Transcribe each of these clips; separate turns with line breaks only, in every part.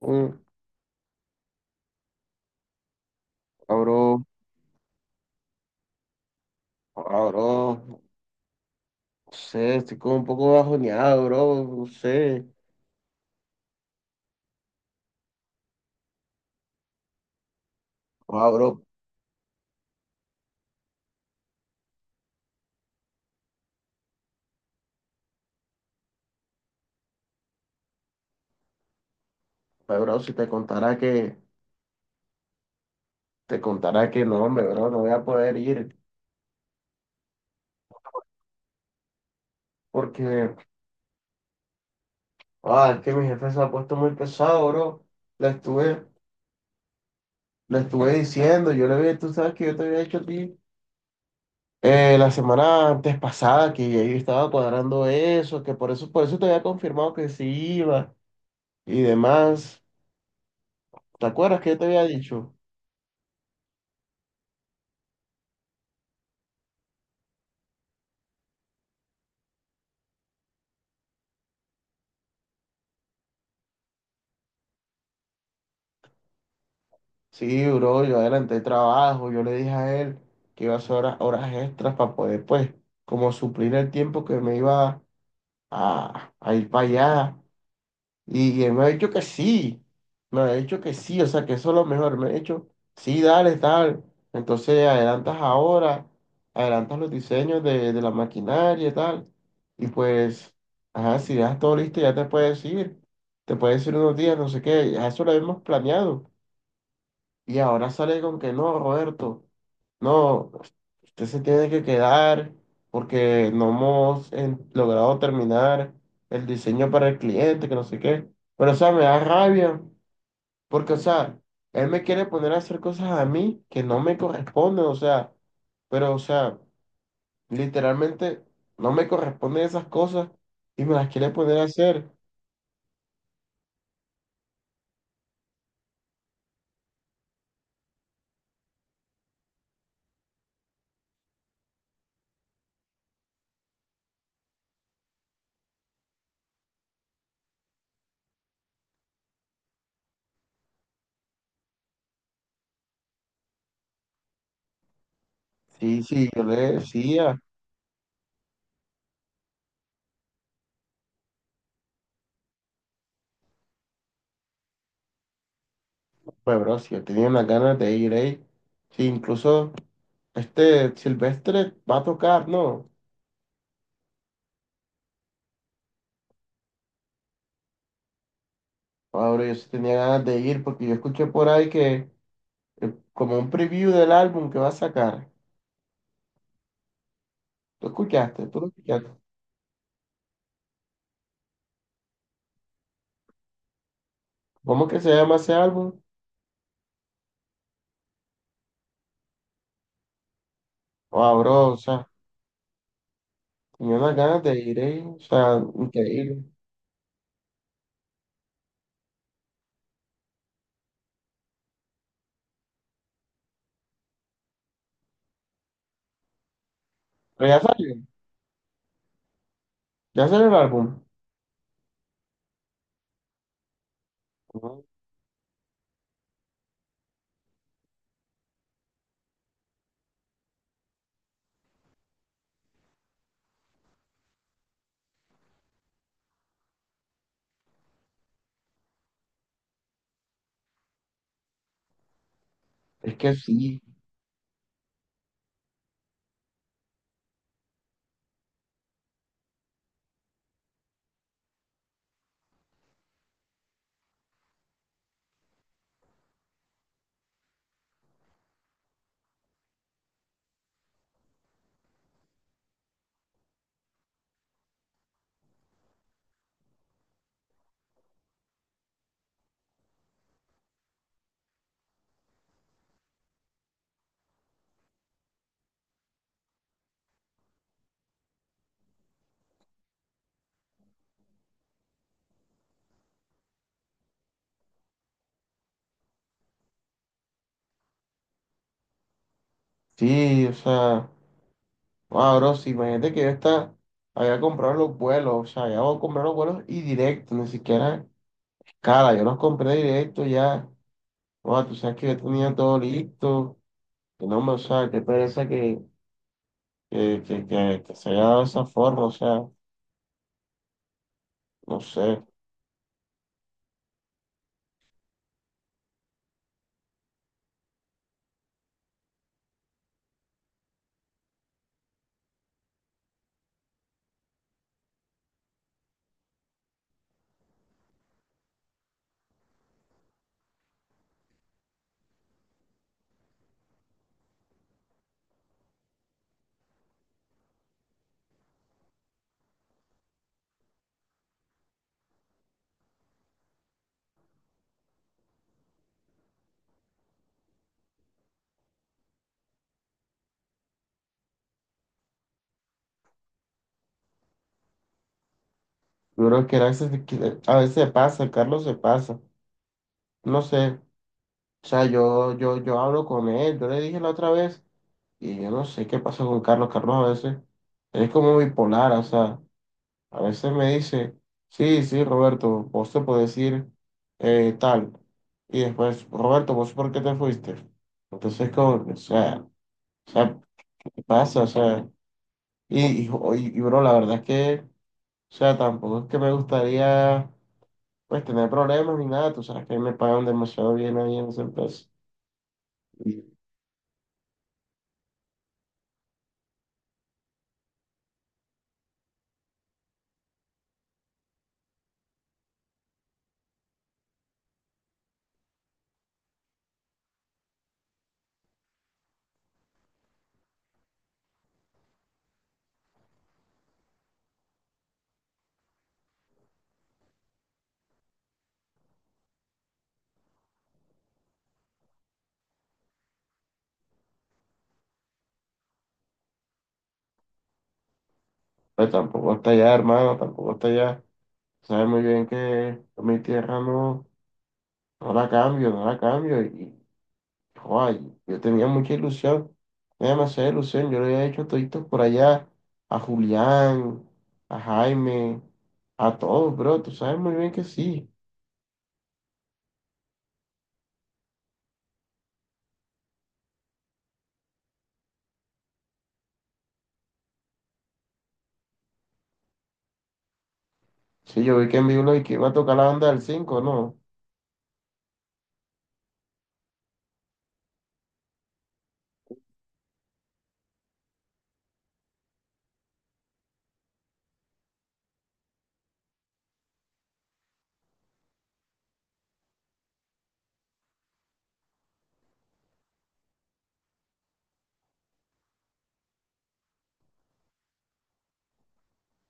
Mm, bro, ah, bro, no sé, estoy como un poco bajoneado, bro, no sé. Ah, bro, si te contara que, no, hombre, bro, no voy a poder ir porque, es que mi jefe se ha puesto muy pesado, bro. Le estuve, Le estuve diciendo, yo le había, tú sabes que yo te había dicho a ti la semana antes pasada que yo estaba cuadrando eso, por eso te había confirmado que sí iba y demás. ¿Te acuerdas que yo te había dicho? Sí, bro, yo adelanté el trabajo, yo le dije a él que iba a hacer horas extras para poder, pues, como suplir el tiempo que me iba a ir para allá. Y él me ha dicho que sí, me ha dicho que sí, o sea, que eso es lo mejor. Me ha dicho, sí, dale, tal. Entonces, adelantas los diseños de la maquinaria y tal. Y pues, ajá, si ya todo listo, te puedes ir unos días, no sé qué, ya eso lo hemos planeado. Y ahora sale con que no, Roberto, no, usted se tiene que quedar porque no hemos logrado terminar el diseño para el cliente, que no sé qué. Pero, o sea, me da rabia porque, o sea, él me quiere poner a hacer cosas a mí que no me corresponden, o sea, pero, o sea, literalmente no me corresponden esas cosas y me las quiere poner a hacer. Sí, sí, yo le decía, pues, bro, si yo tenía unas ganas de ir ahí, sí, incluso. Este Silvestre va a tocar, ¿no? Ahora yo sí tenía ganas de ir porque yo escuché por ahí que como un preview del álbum que va a sacar. ¿Tú escuchaste? ¿Tú lo escuchaste? ¿Cómo que se llama ese álbum? Ah, bro, o sea, tenía unas ganas de ir, o sea, increíble. Pero ya salió el álbum. Ujú. Es que sí, sí, o sea, ah, bro, sí, imagínate que había comprado los vuelos, o sea, ya voy a comprar los vuelos y directo, ni siquiera escala, yo los compré directo ya. Wow, tú sabes que yo tenía todo listo, que no me, o sea, qué pereza que, que se haya dado esa forma, o sea, no sé. Yo creo que a veces, a veces se pasa, Carlos se pasa, no sé. O sea, yo hablo con él, yo le dije la otra vez, y yo no sé qué pasa con Carlos. Carlos a veces es como bipolar, o sea, a veces me dice, sí, sí, Roberto, vos te podés ir tal. Y después, Roberto, ¿vos por qué te fuiste? Entonces, como, que, o sea. O sea, ¿qué pasa? O sea, bro, la verdad es que, o sea, tampoco es que me gustaría, pues, tener problemas ni nada. Tú sabes que a mí me pagan demasiado bien ahí en esa empresa. Y, Pues tampoco está allá, hermano, tampoco está allá. Sabes muy bien que mi tierra no, no la cambio, no la cambio. Y, joder, yo tenía mucha ilusión, tenía demasiada ilusión. Yo le había hecho toditos por allá a Julián, a Jaime, a todos, bro. Tú sabes muy bien que sí. Sí, yo vi que en vivo y que iba a tocar la banda del 5, ¿no?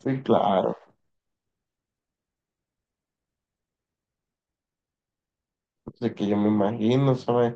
Sí, claro. Así que yo me imagino, ¿sabes?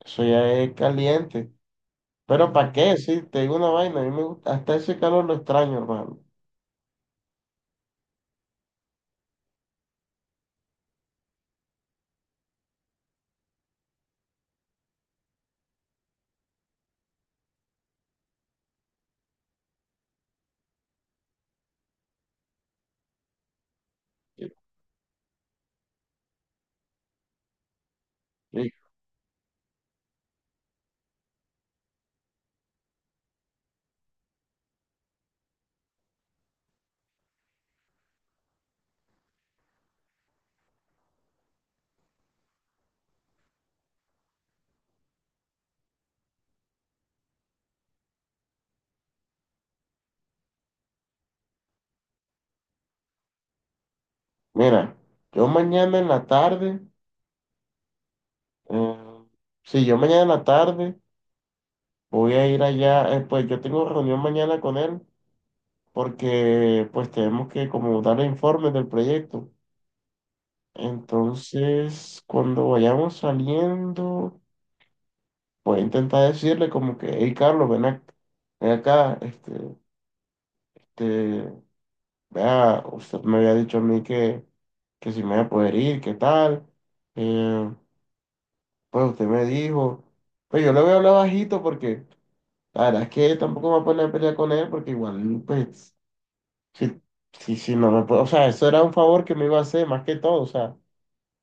Eso ya es caliente. Pero ¿para qué? Sí, te digo una vaina. A mí me gusta, hasta ese calor lo extraño, hermano. Sí. Sí. Mira, yo mañana en la tarde, eh, sí, yo mañana en la tarde voy a ir allá, pues yo tengo reunión mañana con él porque pues tenemos que como darle informes del proyecto. Entonces, cuando vayamos saliendo... Voy a intentar decirle como que, hey Carlos, ven, ven acá, este, te, vea, usted me había dicho a mí que si me iba a poder ir, qué tal. Eh, pues usted me dijo, pues yo le voy a hablar bajito porque la verdad es que tampoco me voy a poner a pelear con él porque igual, pues, si, si no me puedo, o sea, eso era un favor que me iba a hacer más que todo, o sea,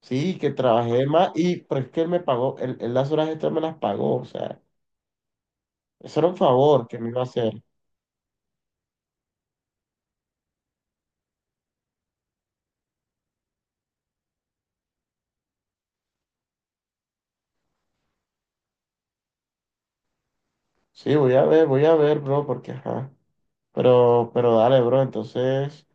sí, que trabajé más y, pero es que él me pagó, él las horas extras me las pagó, o sea, eso era un favor que me iba a hacer. Sí, voy a ver, bro, porque ajá. Pero dale, bro, entonces,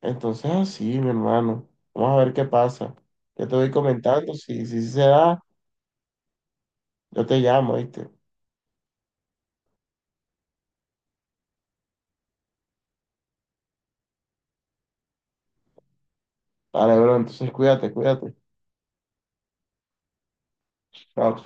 entonces así, mi hermano. Vamos a ver qué pasa. Yo te voy comentando, si se da, yo te llamo, ¿viste? Dale, bro, entonces cuídate, cuídate. Chao.